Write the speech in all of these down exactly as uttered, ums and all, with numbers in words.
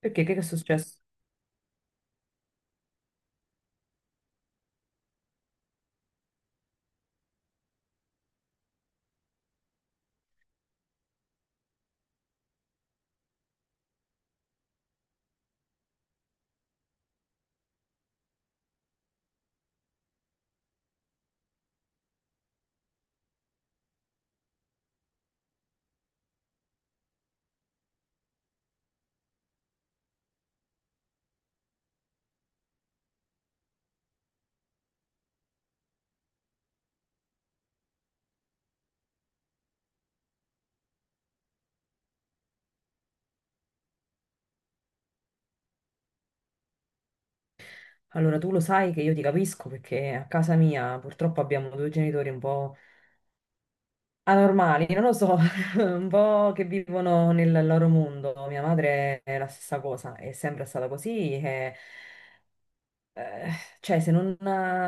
Perché che che è successo? Allora, tu lo sai che io ti capisco perché a casa mia purtroppo abbiamo due genitori un po' anormali, non lo so, un po' che vivono nel loro mondo. Mia madre è la stessa cosa, è sempre stata così, e eh, cioè, se non,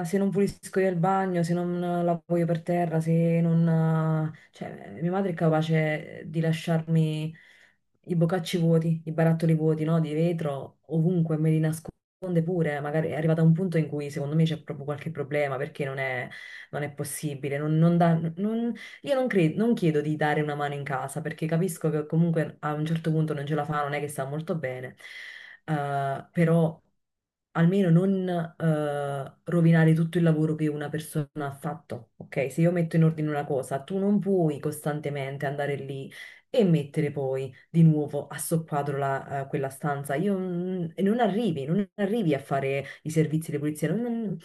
se non pulisco io il bagno, se non lavo io per terra, se non... Cioè, mia madre è capace di lasciarmi i boccacci vuoti, i barattoli vuoti, no? Di vetro, ovunque, me li nasconde pure. Magari è arrivata a un punto in cui secondo me c'è proprio qualche problema, perché non è, non è possibile. Non, non dà- non- io non cre- non chiedo di dare una mano in casa, perché capisco che comunque a un certo punto non ce la fa, non è che sta molto bene. Eh, però almeno non eh, rovinare tutto il lavoro che una persona ha fatto, ok? Se io metto in ordine una cosa, tu non puoi costantemente andare lì e mettere poi di nuovo a soqquadro la- eh, quella stanza. Io, mm, e non arrivi, non arrivi a fare i servizi di pulizia, non,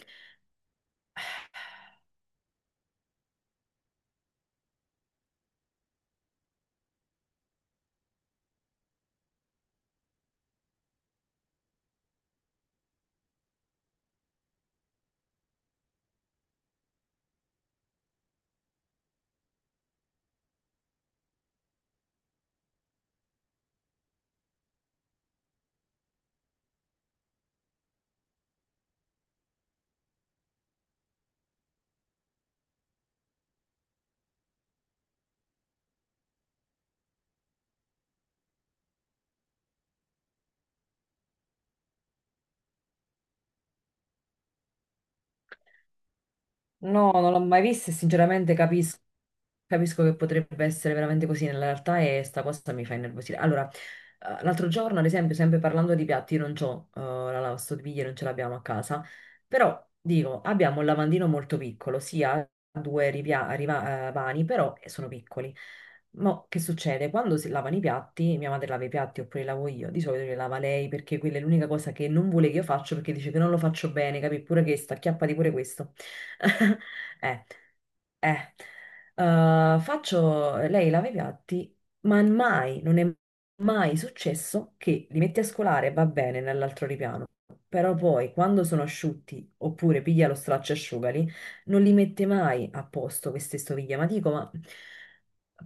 No, non l'ho mai vista e sinceramente capis- capisco che potrebbe essere veramente così nella realtà e sta cosa mi fa innervosire. Allora, eh, l'altro giorno, ad esempio, sempre parlando di piatti, io non c'ho eh, la lavastoviglie, non ce l'abbiamo a casa, però dico, abbiamo un lavandino molto piccolo, sia due rivia- riva- eh, vani, però sono piccoli. Ma che succede? Quando si lavano i piatti, mia madre lava i piatti oppure li lavo io, di solito li lava lei perché quella è l'unica cosa che non vuole che io faccia perché dice che non lo faccio bene, capi? Pure questa, acchiappati pure questo. Eh, eh, eh, faccio Lei lava i piatti, ma mai, non è mai successo che li metti a scolare, va bene, nell'altro ripiano. Però poi, quando sono asciutti, oppure piglia lo straccio e asciugali, non li mette mai a posto queste stoviglie. Ma dico, ma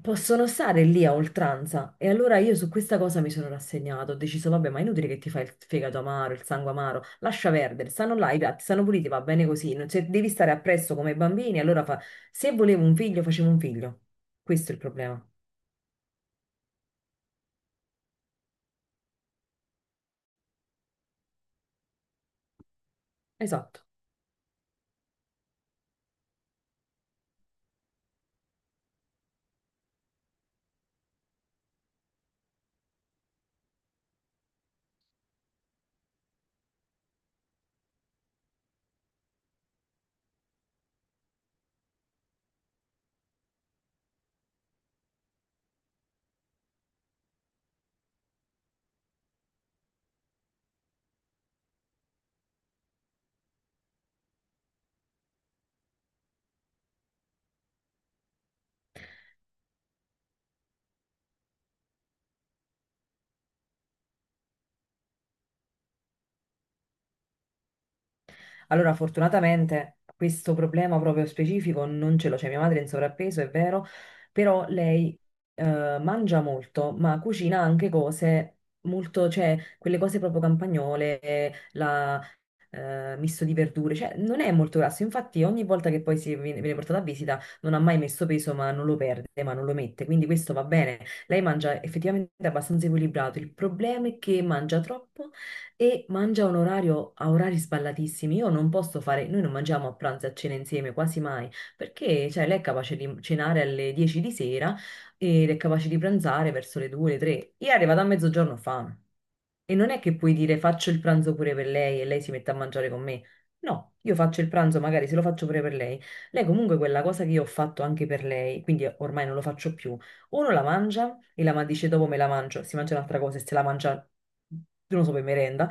possono stare lì a oltranza? E allora io su questa cosa mi sono rassegnato, ho deciso, vabbè, ma è inutile che ti fai il fegato amaro, il sangue amaro, lascia perdere, stanno là, i piatti stanno puliti, va bene così. Non- Se devi stare appresso come bambini, allora fa se volevo un figlio, facevo un figlio. Questo è il problema. Esatto. Allora, fortunatamente, questo problema proprio specifico non ce l'ho. Cioè, mia madre è in sovrappeso, è vero, però lei eh, mangia molto, ma cucina anche cose molto, cioè, quelle cose proprio campagnole, eh, la eh, misto di verdure, cioè non è molto grasso, infatti ogni volta che poi si viene, viene portato a visita non ha mai messo peso ma non lo perde, ma non lo mette, quindi questo va bene, lei mangia effettivamente abbastanza equilibrato, il problema è che mangia troppo e mangia a un orario, a orari sballatissimi, io non posso fare, noi non mangiamo a pranzo e a cena insieme quasi mai, perché cioè, lei è capace di cenare alle dieci di sera ed è capace di pranzare verso le due, le tre. Io è arrivata a mezzogiorno ho fame. E non è che puoi dire faccio il pranzo pure per lei e lei si mette a mangiare con me. No, io faccio il pranzo, magari se lo faccio pure per lei. Lei comunque quella cosa che io ho fatto anche per lei, quindi ormai non lo faccio più. Uno la mangia e la ma- dice dopo me la mangio, si mangia un'altra cosa e se la mangia, non lo so, per merenda.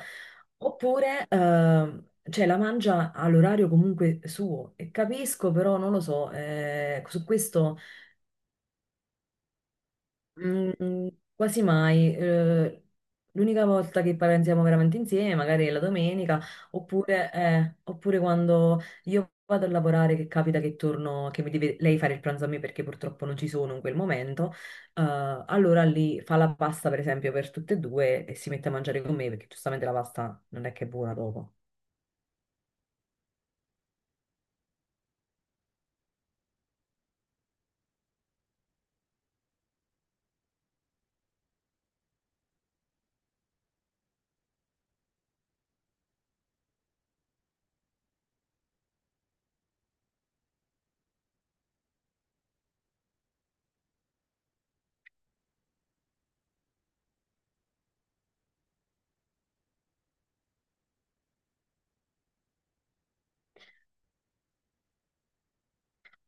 Oppure, ehm, cioè, la mangia all'orario comunque suo. E capisco, però non lo so, eh, su questo. Mm, quasi mai. Eh, l'unica volta che parliamo veramente insieme, magari è la domenica, oppure, eh, oppure quando io vado a lavorare, che capita che torno, che mi deve lei fare il pranzo a me perché purtroppo non ci sono in quel momento, eh, allora lì fa la pasta per esempio per tutte e due e si mette a mangiare con me perché giustamente la pasta non è che è buona dopo.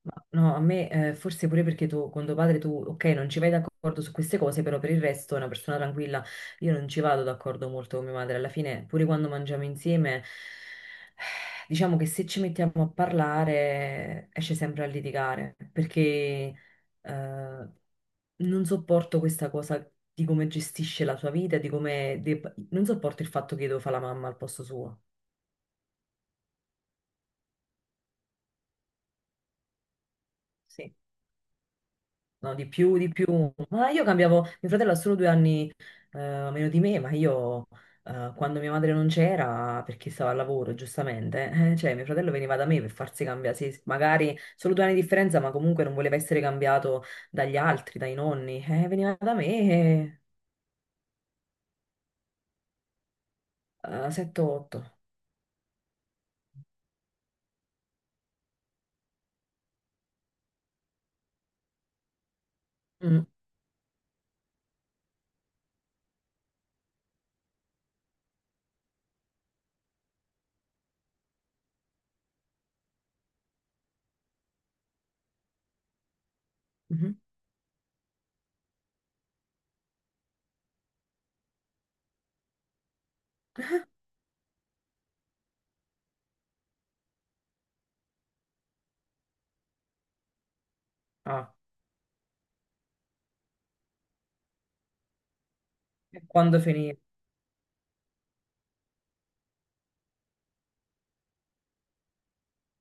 Ma no, a me eh, forse pure perché tu, con tuo padre, tu, ok, non ci vai d'accordo su queste cose, però per il resto è una persona tranquilla. Io non ci vado d'accordo molto con mia madre. Alla fine, pure quando mangiamo insieme, diciamo che se ci mettiamo a parlare, esce sempre a litigare, perché eh, non sopporto questa cosa di come gestisce la sua vita, di come... de- Non sopporto il fatto che devo fare la mamma al posto suo. Sì. No, di più, di più. Ma io cambiavo, mio fratello ha solo due anni eh, meno di me, ma io eh, quando mia madre non c'era, perché stava al lavoro, giustamente, eh, cioè mio fratello veniva da me per farsi cambiare, sì, sì, magari solo due anni di differenza, ma comunque non voleva essere cambiato dagli altri, dai nonni. Eh, veniva da me eh, a sette otto. Ah, e quando finì?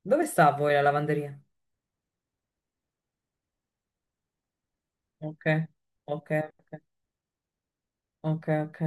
Dove sta a voi la lavanderia? Ok, ok, ok, ok, ok.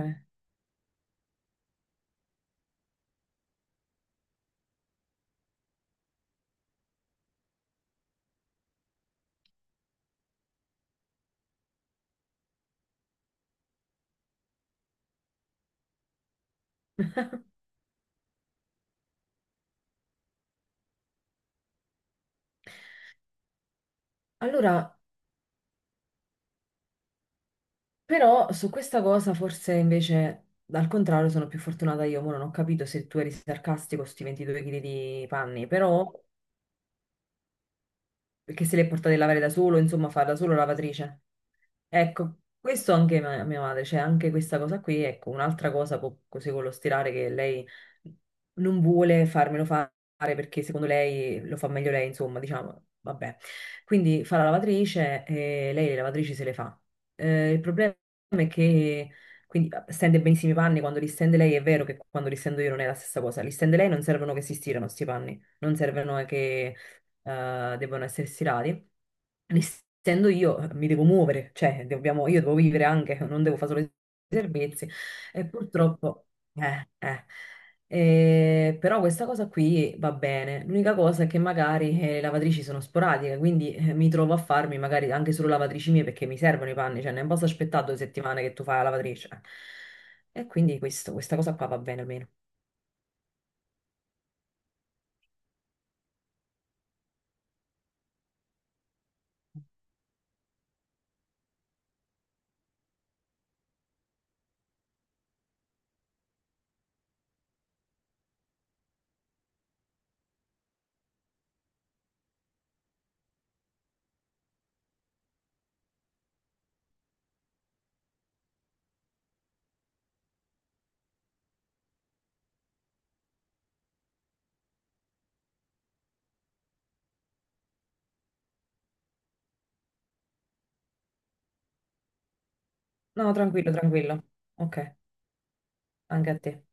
Allora, però su questa cosa forse invece al contrario sono più fortunata io, ora non ho capito se tu eri sarcastico con sti ventidue chili di panni, però perché se li è portati a lavare da solo, insomma fa da solo lavatrice. Ecco, questo anche ma- mia madre, c'è anche questa cosa qui, ecco, un'altra cosa co- così con lo stirare che lei non vuole farmelo fare perché secondo lei lo fa meglio lei, insomma, diciamo, vabbè. Quindi fa la lavatrice e lei le lavatrici se le fa. Eh, il problema è che quindi stende benissimo i panni, quando li stende lei è vero che quando li stendo io non è la stessa cosa, li stende lei non servono che si stirano sti panni, non servono che eh, devono essere stirati. Essendo io, mi devo muovere, cioè dobbiamo- io devo vivere anche, non devo fare solo i servizi. E purtroppo, eh, eh. Eh, però questa cosa qui va bene. L'unica cosa è che magari eh, le lavatrici sono sporadiche, quindi eh, mi trovo a farmi magari anche solo lavatrici mie perché mi servono i panni, cioè non posso aspettare due settimane che tu fai la lavatrice. E quindi questo- questa cosa qua va bene almeno. No, tranquillo, tranquillo. Ok, anche a te.